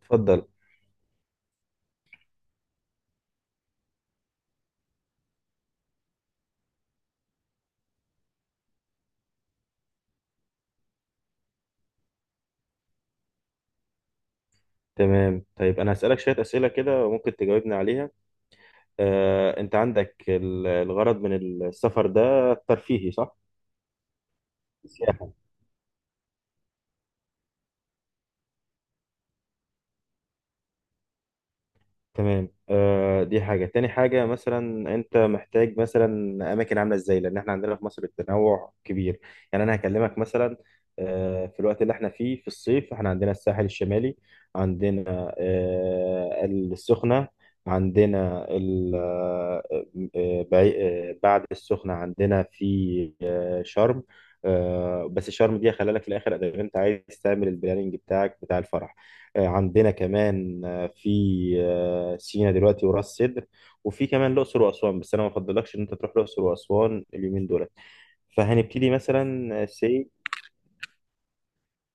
اتفضل. تمام، طيب انا هسألك شوية أسئلة كده وممكن تجاوبني عليها. انت عندك الغرض من السفر ده ترفيهي صح؟ تمام. دي حاجة. تاني حاجة مثلا أنت محتاج مثلا أماكن عاملة إزاي، لأن إحنا عندنا في مصر التنوع كبير. يعني أنا هكلمك مثلا، في الوقت اللي إحنا فيه في الصيف إحنا عندنا الساحل الشمالي. عندنا السخنة. عندنا آه، بعي- بعد السخنة عندنا في شرم. بس شرم دي خلي لك في الآخر، إذا أنت عايز تعمل البلاننج بتاعك بتاع الفرح. عندنا كمان في سينا دلوقتي وراس سدر. وفي كمان الاقصر واسوان، بس انا ما افضلكش ان انت تروح الاقصر واسوان اليومين دول. فهنبتدي مثلا سي.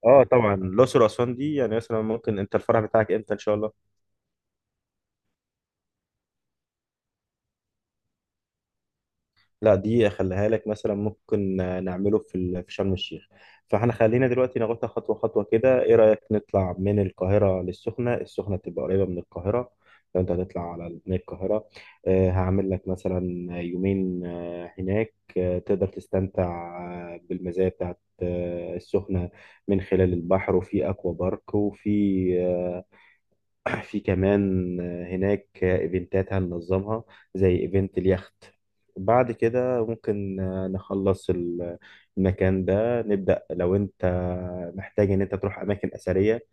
اه، طبعا. الاقصر واسوان دي، يعني مثلا ممكن انت الفرع بتاعك امتى ان شاء الله؟ لا، دي اخليها لك. مثلا ممكن نعمله في في شرم الشيخ. فاحنا خلينا دلوقتي ناخدها خطوه خطوه كده، ايه رايك نطلع من القاهره للسخنه؟ السخنه تبقى قريبه من القاهره. لو انت هتطلع على من القاهره، هعمل لك مثلا يومين هناك. تقدر تستمتع بالمزايا بتاعت السخنه من خلال البحر، وفي اكوا بارك، وفي. في كمان هناك ايفنتات هننظمها، زي ايفنت اليخت. بعد كده ممكن نخلص المكان ده. نبدأ لو انت محتاج ان انت تروح اماكن اثرية.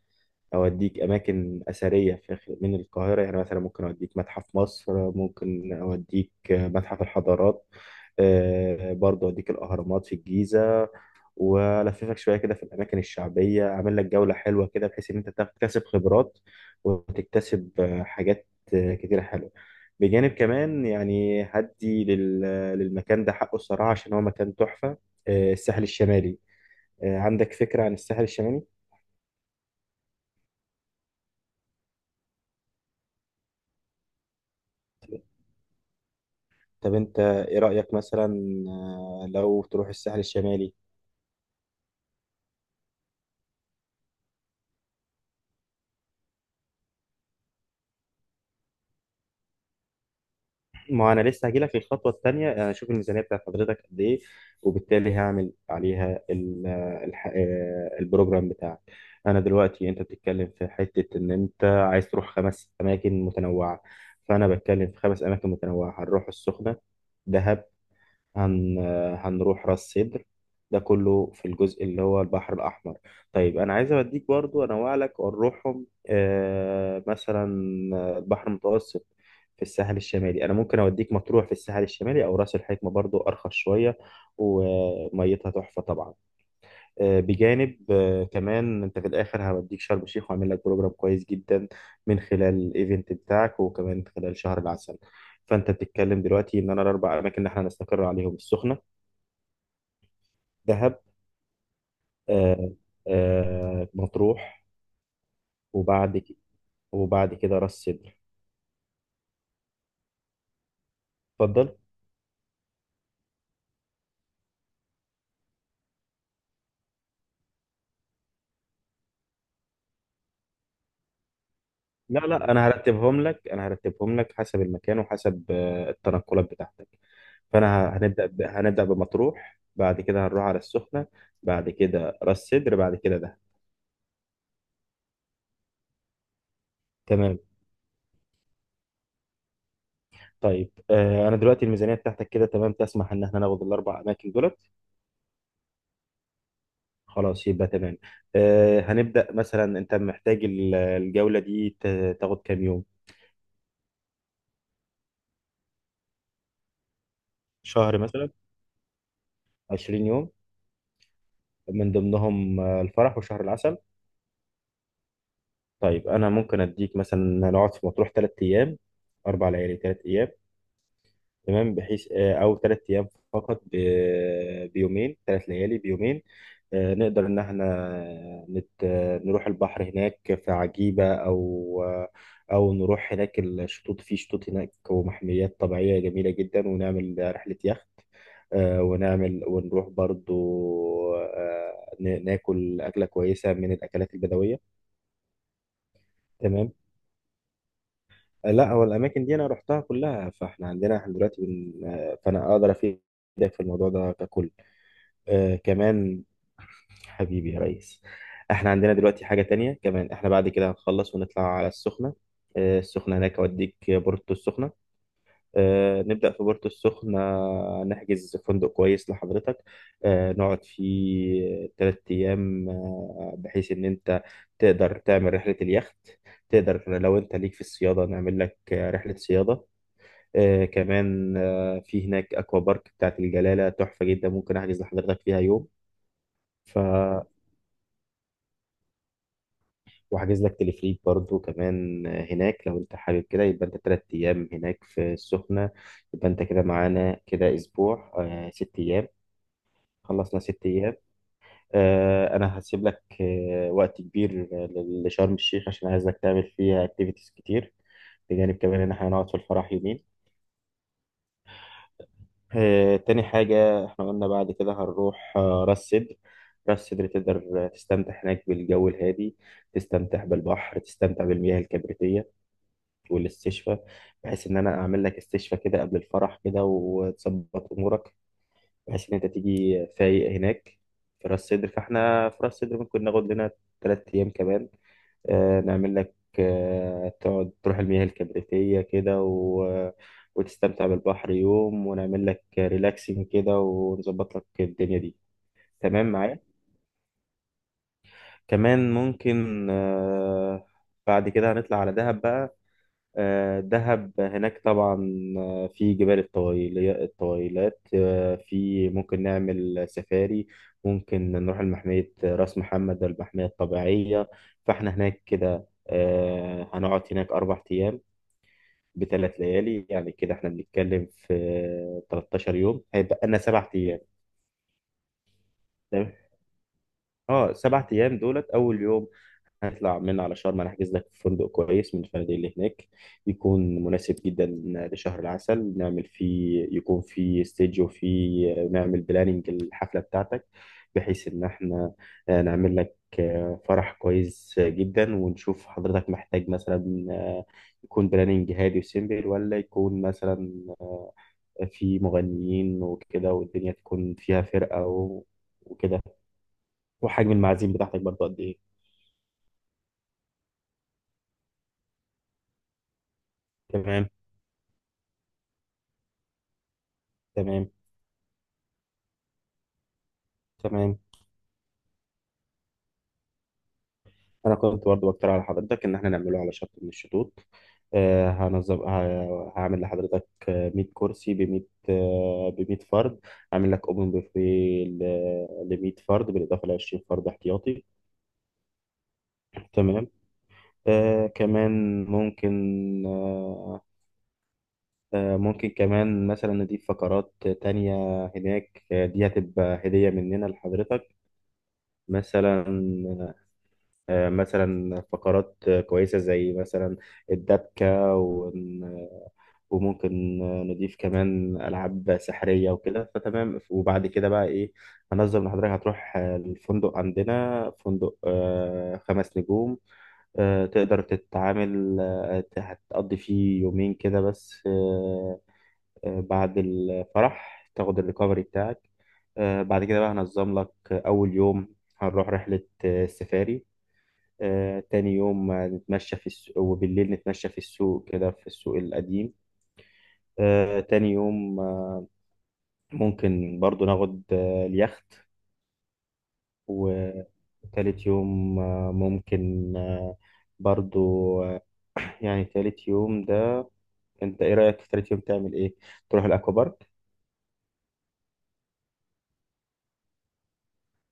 اوديك اماكن اثرية في من القاهرة، يعني مثلا ممكن اوديك متحف مصر، ممكن اوديك متحف الحضارات. برضه اوديك الاهرامات في الجيزة. والففك شويه كده في الاماكن الشعبيه، اعمل لك جوله حلوه كده بحيث ان انت تكتسب خبرات وتكتسب حاجات كتيره حلوه. بجانب كمان يعني هدي للمكان ده حقه الصراحه، عشان هو مكان تحفه. الساحل الشمالي. عندك فكره عن الساحل الشمالي؟ طب انت ايه رايك مثلا لو تروح الساحل الشمالي؟ ما انا لسه هجيلك في الخطوه الثانيه، انا اشوف الميزانيه بتاعت حضرتك قد ايه. وبالتالي هعمل عليها البروجرام بتاعك. انا دلوقتي انت بتتكلم في حته ان انت عايز تروح 5 اماكن متنوعه، فانا بتكلم في 5 اماكن متنوعه. هنروح السخنه. دهب. هن... هنروح راس سدر. ده كله في الجزء اللي هو البحر الأحمر. طيب، أنا عايز أوديك برضو، أنوع لك ونروحهم مثلا البحر المتوسط في الساحل الشمالي. أنا ممكن أوديك مطروح في الساحل الشمالي، أو راس الحكمة برضو أرخص شوية وميتها تحفة طبعا. بجانب كمان أنت في الآخر هوديك شرم الشيخ وأعمل لك بروجرام كويس جدا من خلال الإيفنت بتاعك وكمان خلال شهر العسل. فأنت بتتكلم دلوقتي إن أنا الأربع أماكن اللي إحنا هنستقر عليهم: السخنة، دهب، آه مطروح، وبعد كده وبعد كده راس سدر. اتفضل. لا لا، انا هرتبهم لك، انا هرتبهم لك حسب المكان وحسب التنقلات بتاعتك. فانا هنبدا بمطروح، بعد كده هنروح على السخنه، بعد كده راس سدر، بعد كده دهب. تمام. طيب، انا دلوقتي الميزانيه بتاعتك كده تمام؟ تسمح ان احنا ناخد الاربع اماكن دولت؟ خلاص، يبقى تمام. هنبدا مثلا. انت محتاج الجوله دي تاخد كام يوم؟ شهر مثلا؟ 20 يوم من ضمنهم الفرح وشهر العسل. طيب، أنا ممكن أديك مثلا نقعد في مطروح 3 أيام، 4 ليالي 3 أيام، تمام، بحيث او 3 ايام فقط بيومين، 3 ليالي بيومين. نقدر ان احنا نروح البحر هناك في عجيبة، او نروح هناك الشطوط. في شطوط هناك ومحميات طبيعية جميلة جدا، ونعمل رحلة يخت. ونعمل ونروح برضو ناكل أكلة كويسة من الأكلات البدوية. تمام. لا، هو الاماكن دي انا رحتها كلها، فاحنا عندنا احنا دلوقتي بن... آه، فانا اقدر افيدك في الموضوع ده ككل. كمان، حبيبي يا ريس، احنا عندنا دلوقتي حاجه تانية. كمان احنا بعد كده هنخلص ونطلع على السخنه. السخنه هناك اوديك بورتو السخنه. نبدا في بورتو السخنه، نحجز فندق كويس لحضرتك. نقعد فيه 3 ايام، بحيث ان انت تقدر تعمل رحله اليخت. تقدر لو انت ليك في الصياده، نعمل لك رحله صياده. كمان، في هناك اكوا بارك بتاعت الجلاله تحفه جدا، ممكن احجز لحضرتك فيها يوم. ف وحاجز لك تلفريك برضو كمان هناك، لو انت حابب كده. يبقى انت 3 ايام هناك في السخنه. يبقى انت كده معانا كده اسبوع، 6 ايام. خلصنا 6 ايام. انا هسيب لك وقت كبير لشرم الشيخ، عشان عايزك تعمل فيها اكتيفيتيز كتير، بجانب كمان ان احنا هنقعد في الفرح يومين. تاني حاجة، احنا قلنا بعد كده هنروح راس سدر. راس سدر تقدر تستمتع هناك بالجو الهادي، تستمتع بالبحر، تستمتع بالمياه الكبريتية والاستشفاء. بحيث ان انا اعمل لك استشفاء كده قبل الفرح كده، وتظبط امورك، بحيث ان انت تيجي فايق هناك في راس سدر. فاحنا في راس سدر ممكن ناخد لنا 3 ايام كمان. نعمل لك تقعد تروح المياه الكبريتية كده وتستمتع بالبحر يوم، ونعمل لك ريلاكسنج كده ونظبط لك الدنيا دي. تمام معايا. كمان ممكن بعد كده هنطلع على دهب بقى. دهب هناك طبعا. في جبال الطويلات، في ممكن نعمل سفاري. ممكن نروح لمحمية راس محمد المحمية الطبيعية. فاحنا هناك كده هنقعد هناك 4 أيام بثلاث ليالي. يعني كده احنا بنتكلم في 13 يوم، هيبقى لنا 7 أيام. تمام؟ اه، 7 أيام دولت. أول يوم هنطلع من على شرم، انا هحجز لك في فندق كويس من الفنادق اللي هناك، يكون مناسب جدا لشهر العسل. نعمل فيه يكون فيه ستيج، وفيه نعمل بلاننج الحفلة بتاعتك، بحيث ان احنا نعمل لك فرح كويس جدا. ونشوف حضرتك محتاج مثلا يكون بلاننج هادي وسيمبل، ولا يكون مثلا في مغنيين وكده، والدنيا تكون فيها فرقة وكده. وحجم المعازيم بتاعتك برضه قد ايه؟ تمام. تمام. تمام. انا كنت برضه بقترح على حضرتك ان احنا نعمله على شط من الشطوط. هنظم هعمل لحضرتك 100 كرسي ب 100 ب 100 فرد. هعمل لك اوبن بوفيه ل 100 فرد بالاضافه ل 20 فرد احتياطي. تمام. كمان ممكن ممكن كمان مثلا نضيف فقرات تانية هناك. دي هتبقى هدية مننا لحضرتك، مثلا. مثلا فقرات كويسة زي مثلا الدبكة. وممكن نضيف كمان ألعاب سحرية وكده. فتمام، وبعد كده بقى إيه؟ هنظم لحضرتك هتروح الفندق. عندنا فندق خمس نجوم، تقدر تتعامل. هتقضي فيه يومين كده بس، بعد الفرح تاخد الريكفري بتاعك. بعد كده بقى هنظم لك. أول يوم هنروح رحلة سفاري. تاني يوم هنتمشى في السوق، وبالليل نتمشى في السوق كده، في السوق القديم. تاني يوم ممكن برضو ناخد اليخت. وتالت يوم ممكن برضو آه، يعني تالت يوم ده، انت ايه رأيك في تالت يوم تعمل ايه؟ تروح الاكوا بارك؟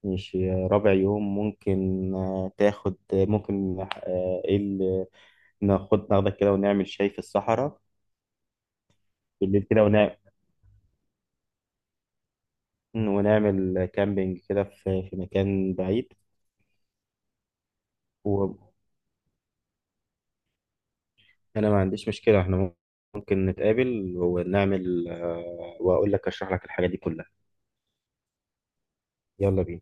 ماشي. رابع يوم ممكن تاخد، ممكن ايه اللي ناخدك كده ونعمل شاي في الصحراء. بالليل كده، ونعمل كامبينج كده في مكان بعيد. انا ما عنديش مشكله، احنا ممكن نتقابل ونعمل واقول لك اشرح لك الحاجه دي كلها. يلا بينا.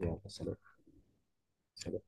يلا سلام. سلام.